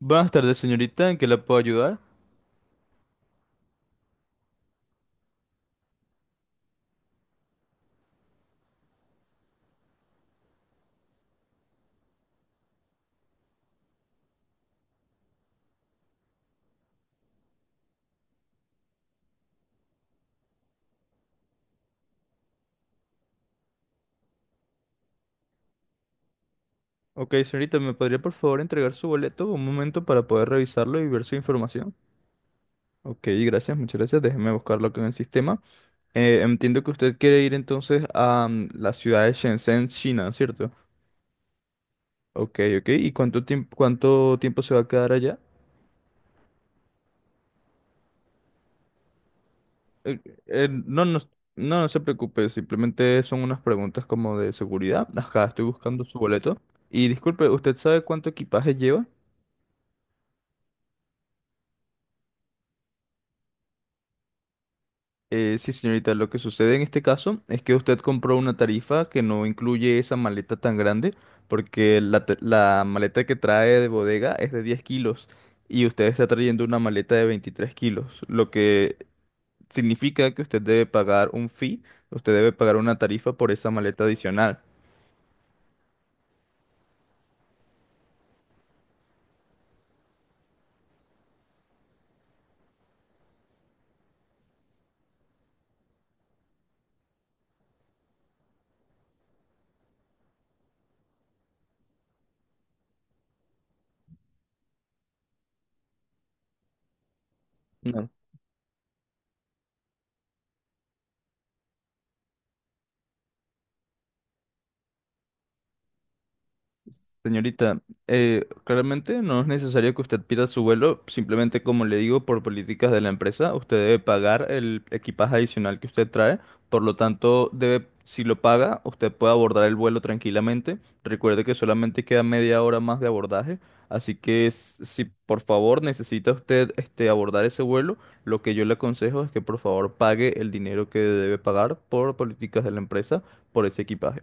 Buenas tardes, señorita. ¿En qué la puedo ayudar? Ok, señorita, ¿me podría por favor entregar su boleto un momento para poder revisarlo y ver su información? Ok, gracias, muchas gracias. Déjeme buscarlo acá en el sistema. Entiendo que usted quiere ir entonces a la ciudad de Shenzhen, China, ¿cierto? Ok, ok. ¿Y cuánto tiempo se va a quedar allá? Eh, eh, no, no, no, no se preocupe, simplemente son unas preguntas como de seguridad. Ajá, estoy buscando su boleto. Y disculpe, ¿usted sabe cuánto equipaje lleva? Sí, señorita, lo que sucede en este caso es que usted compró una tarifa que no incluye esa maleta tan grande, porque la maleta que trae de bodega es de 10 kilos y usted está trayendo una maleta de 23 kilos, lo que significa que usted debe pagar un fee, usted debe pagar una tarifa por esa maleta adicional. Señorita, claramente no es necesario que usted pierda su vuelo, simplemente como le digo, por políticas de la empresa, usted debe pagar el equipaje adicional que usted trae, por lo tanto, debe, si lo paga, usted puede abordar el vuelo tranquilamente. Recuerde que solamente queda media hora más de abordaje, así que si por favor necesita usted este, abordar ese vuelo, lo que yo le aconsejo es que por favor pague el dinero que debe pagar por políticas de la empresa por ese equipaje.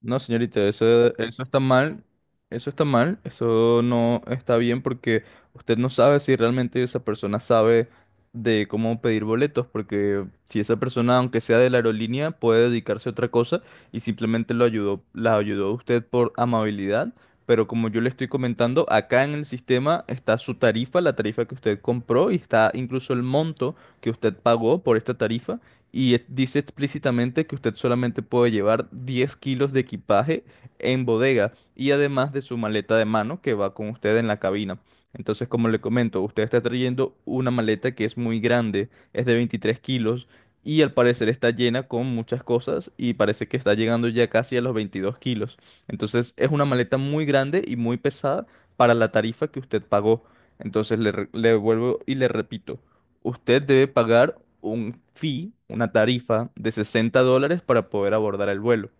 No, señorita, eso está mal, eso no está bien porque usted no sabe si realmente esa persona sabe de cómo pedir boletos, porque si esa persona, aunque sea de la aerolínea, puede dedicarse a otra cosa y simplemente lo ayudó, la ayudó a usted por amabilidad, pero como yo le estoy comentando, acá en el sistema está su tarifa, la tarifa que usted compró y está incluso el monto que usted pagó por esta tarifa y dice explícitamente que usted solamente puede llevar 10 kilos de equipaje en bodega y además de su maleta de mano que va con usted en la cabina. Entonces, como le comento, usted está trayendo una maleta que es muy grande, es de 23 kilos y al parecer está llena con muchas cosas y parece que está llegando ya casi a los 22 kilos. Entonces, es una maleta muy grande y muy pesada para la tarifa que usted pagó. Entonces, le vuelvo y le repito. Usted debe pagar un fee, una tarifa de 60 dólares para poder abordar el vuelo.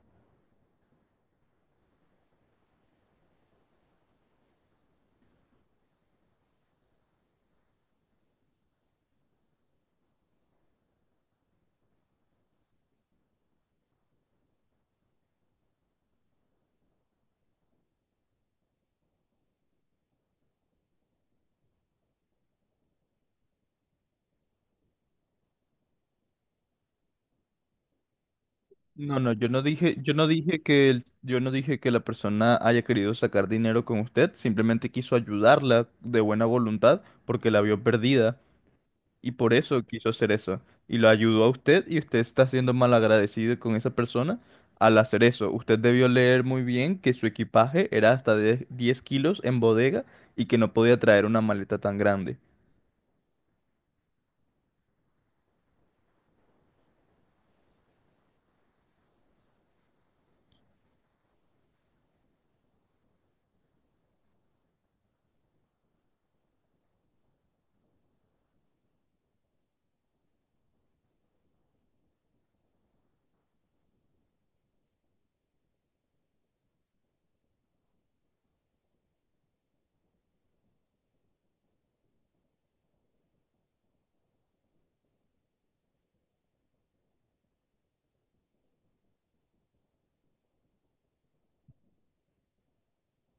No, yo no dije que la persona haya querido sacar dinero con usted, simplemente quiso ayudarla de buena voluntad porque la vio perdida y por eso quiso hacer eso. Y lo ayudó a usted y usted está siendo mal agradecido con esa persona al hacer eso. Usted debió leer muy bien que su equipaje era hasta de 10 kilos en bodega y que no podía traer una maleta tan grande.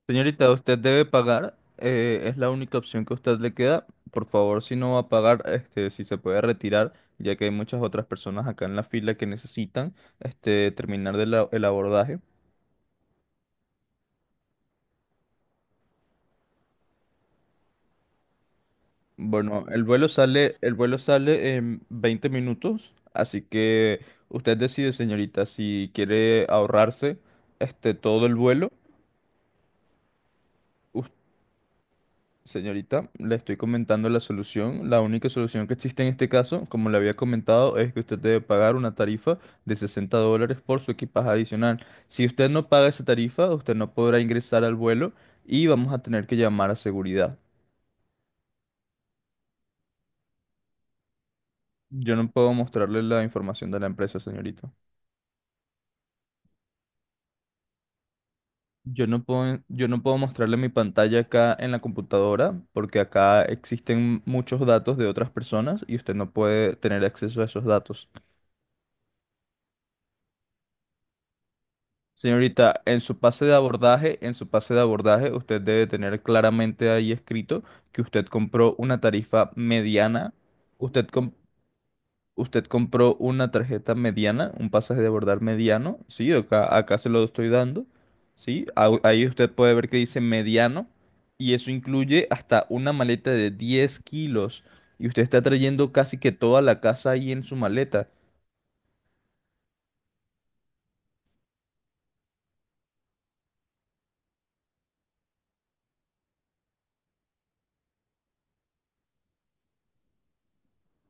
Señorita, usted debe pagar, es la única opción que a usted le queda. Por favor, si no va a pagar, este, si se puede retirar, ya que hay muchas otras personas acá en la fila que necesitan, este, terminar el abordaje. Bueno, el vuelo sale en 20 minutos, así que usted decide, señorita, si quiere ahorrarse, este, todo el vuelo. Señorita, le estoy comentando la solución. La única solución que existe en este caso, como le había comentado, es que usted debe pagar una tarifa de 60 dólares por su equipaje adicional. Si usted no paga esa tarifa, usted no podrá ingresar al vuelo y vamos a tener que llamar a seguridad. Yo no puedo mostrarle la información de la empresa, señorita. Yo no puedo mostrarle mi pantalla acá en la computadora porque acá existen muchos datos de otras personas y usted no puede tener acceso a esos datos. Señorita, en su pase de abordaje, usted debe tener claramente ahí escrito que usted compró una tarifa mediana, usted, com- usted compró una tarjeta mediana, un pasaje de abordar mediano, sí, acá se lo estoy dando, sí, ahí usted puede ver que dice mediano y eso incluye hasta una maleta de 10 kilos y usted está trayendo casi que toda la casa ahí en su maleta.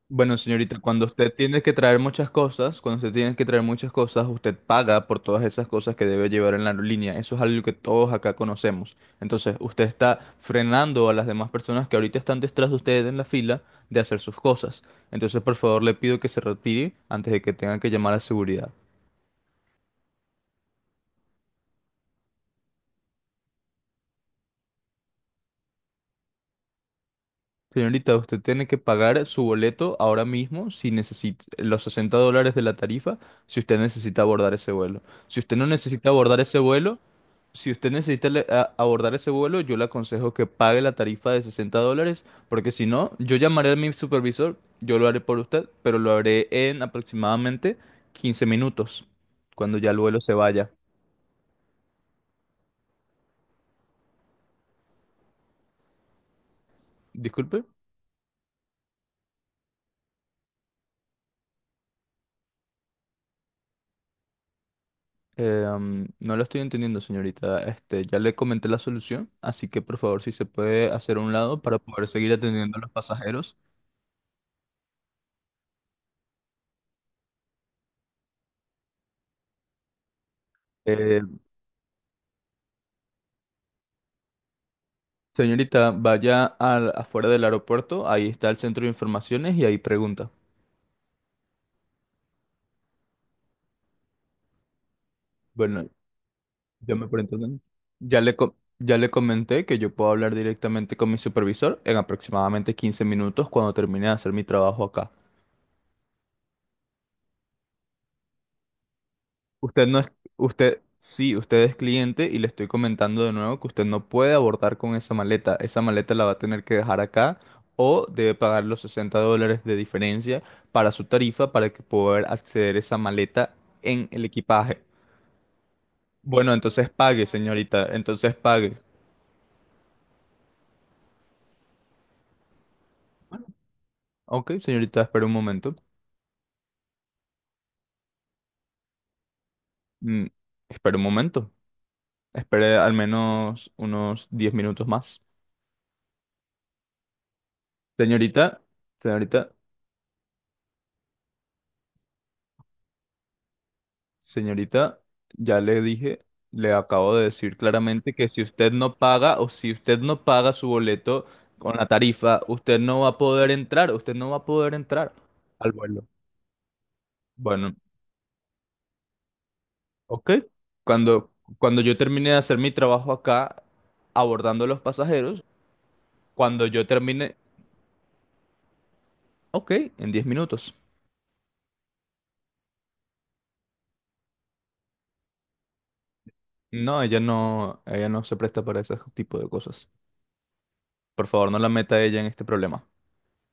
Bueno, señorita, cuando usted tiene que traer muchas cosas, usted paga por todas esas cosas que debe llevar en la aerolínea. Eso es algo que todos acá conocemos. Entonces, usted está frenando a las demás personas que ahorita están detrás de usted en la fila de hacer sus cosas. Entonces, por favor, le pido que se retire antes de que tenga que llamar a seguridad. Señorita, usted tiene que pagar su boleto ahora mismo si necesita los 60 dólares de la tarifa, si usted necesita abordar ese vuelo. Si usted no necesita abordar ese vuelo, si usted necesita abordar ese vuelo, yo le aconsejo que pague la tarifa de 60 dólares, porque si no, yo llamaré a mi supervisor, yo lo haré por usted, pero lo haré en aproximadamente 15 minutos, cuando ya el vuelo se vaya. Disculpe, no lo estoy entendiendo, señorita. Este, ya le comenté la solución, así que por favor, si se puede hacer a un lado para poder seguir atendiendo a los pasajeros. Eh, señorita, vaya afuera del aeropuerto, ahí está el centro de informaciones y ahí pregunta. Bueno, yo me pregunto, ¿no? Ya le comenté que yo puedo hablar directamente con mi supervisor en aproximadamente 15 minutos cuando termine de hacer mi trabajo acá. Usted no es, usted, sí, usted es cliente y le estoy comentando de nuevo que usted no puede abordar con esa maleta. Esa maleta la va a tener que dejar acá o debe pagar los 60 dólares de diferencia para su tarifa para que poder acceder a esa maleta en el equipaje. Bueno, entonces pague, señorita, entonces pague. Ok, señorita, espera un momento. Mm, espere un momento. Espere al menos unos 10 minutos más. Señorita, señorita, señorita, ya le dije, le acabo de decir claramente que si usted no paga su boleto con la tarifa, usted no va a poder entrar al vuelo. Bueno, ok. Cuando, cuando yo termine de hacer mi trabajo acá abordando a los pasajeros, cuando yo termine, ok, en 10 minutos. Ella no se presta para ese tipo de cosas. Por favor, no la meta a ella en este problema.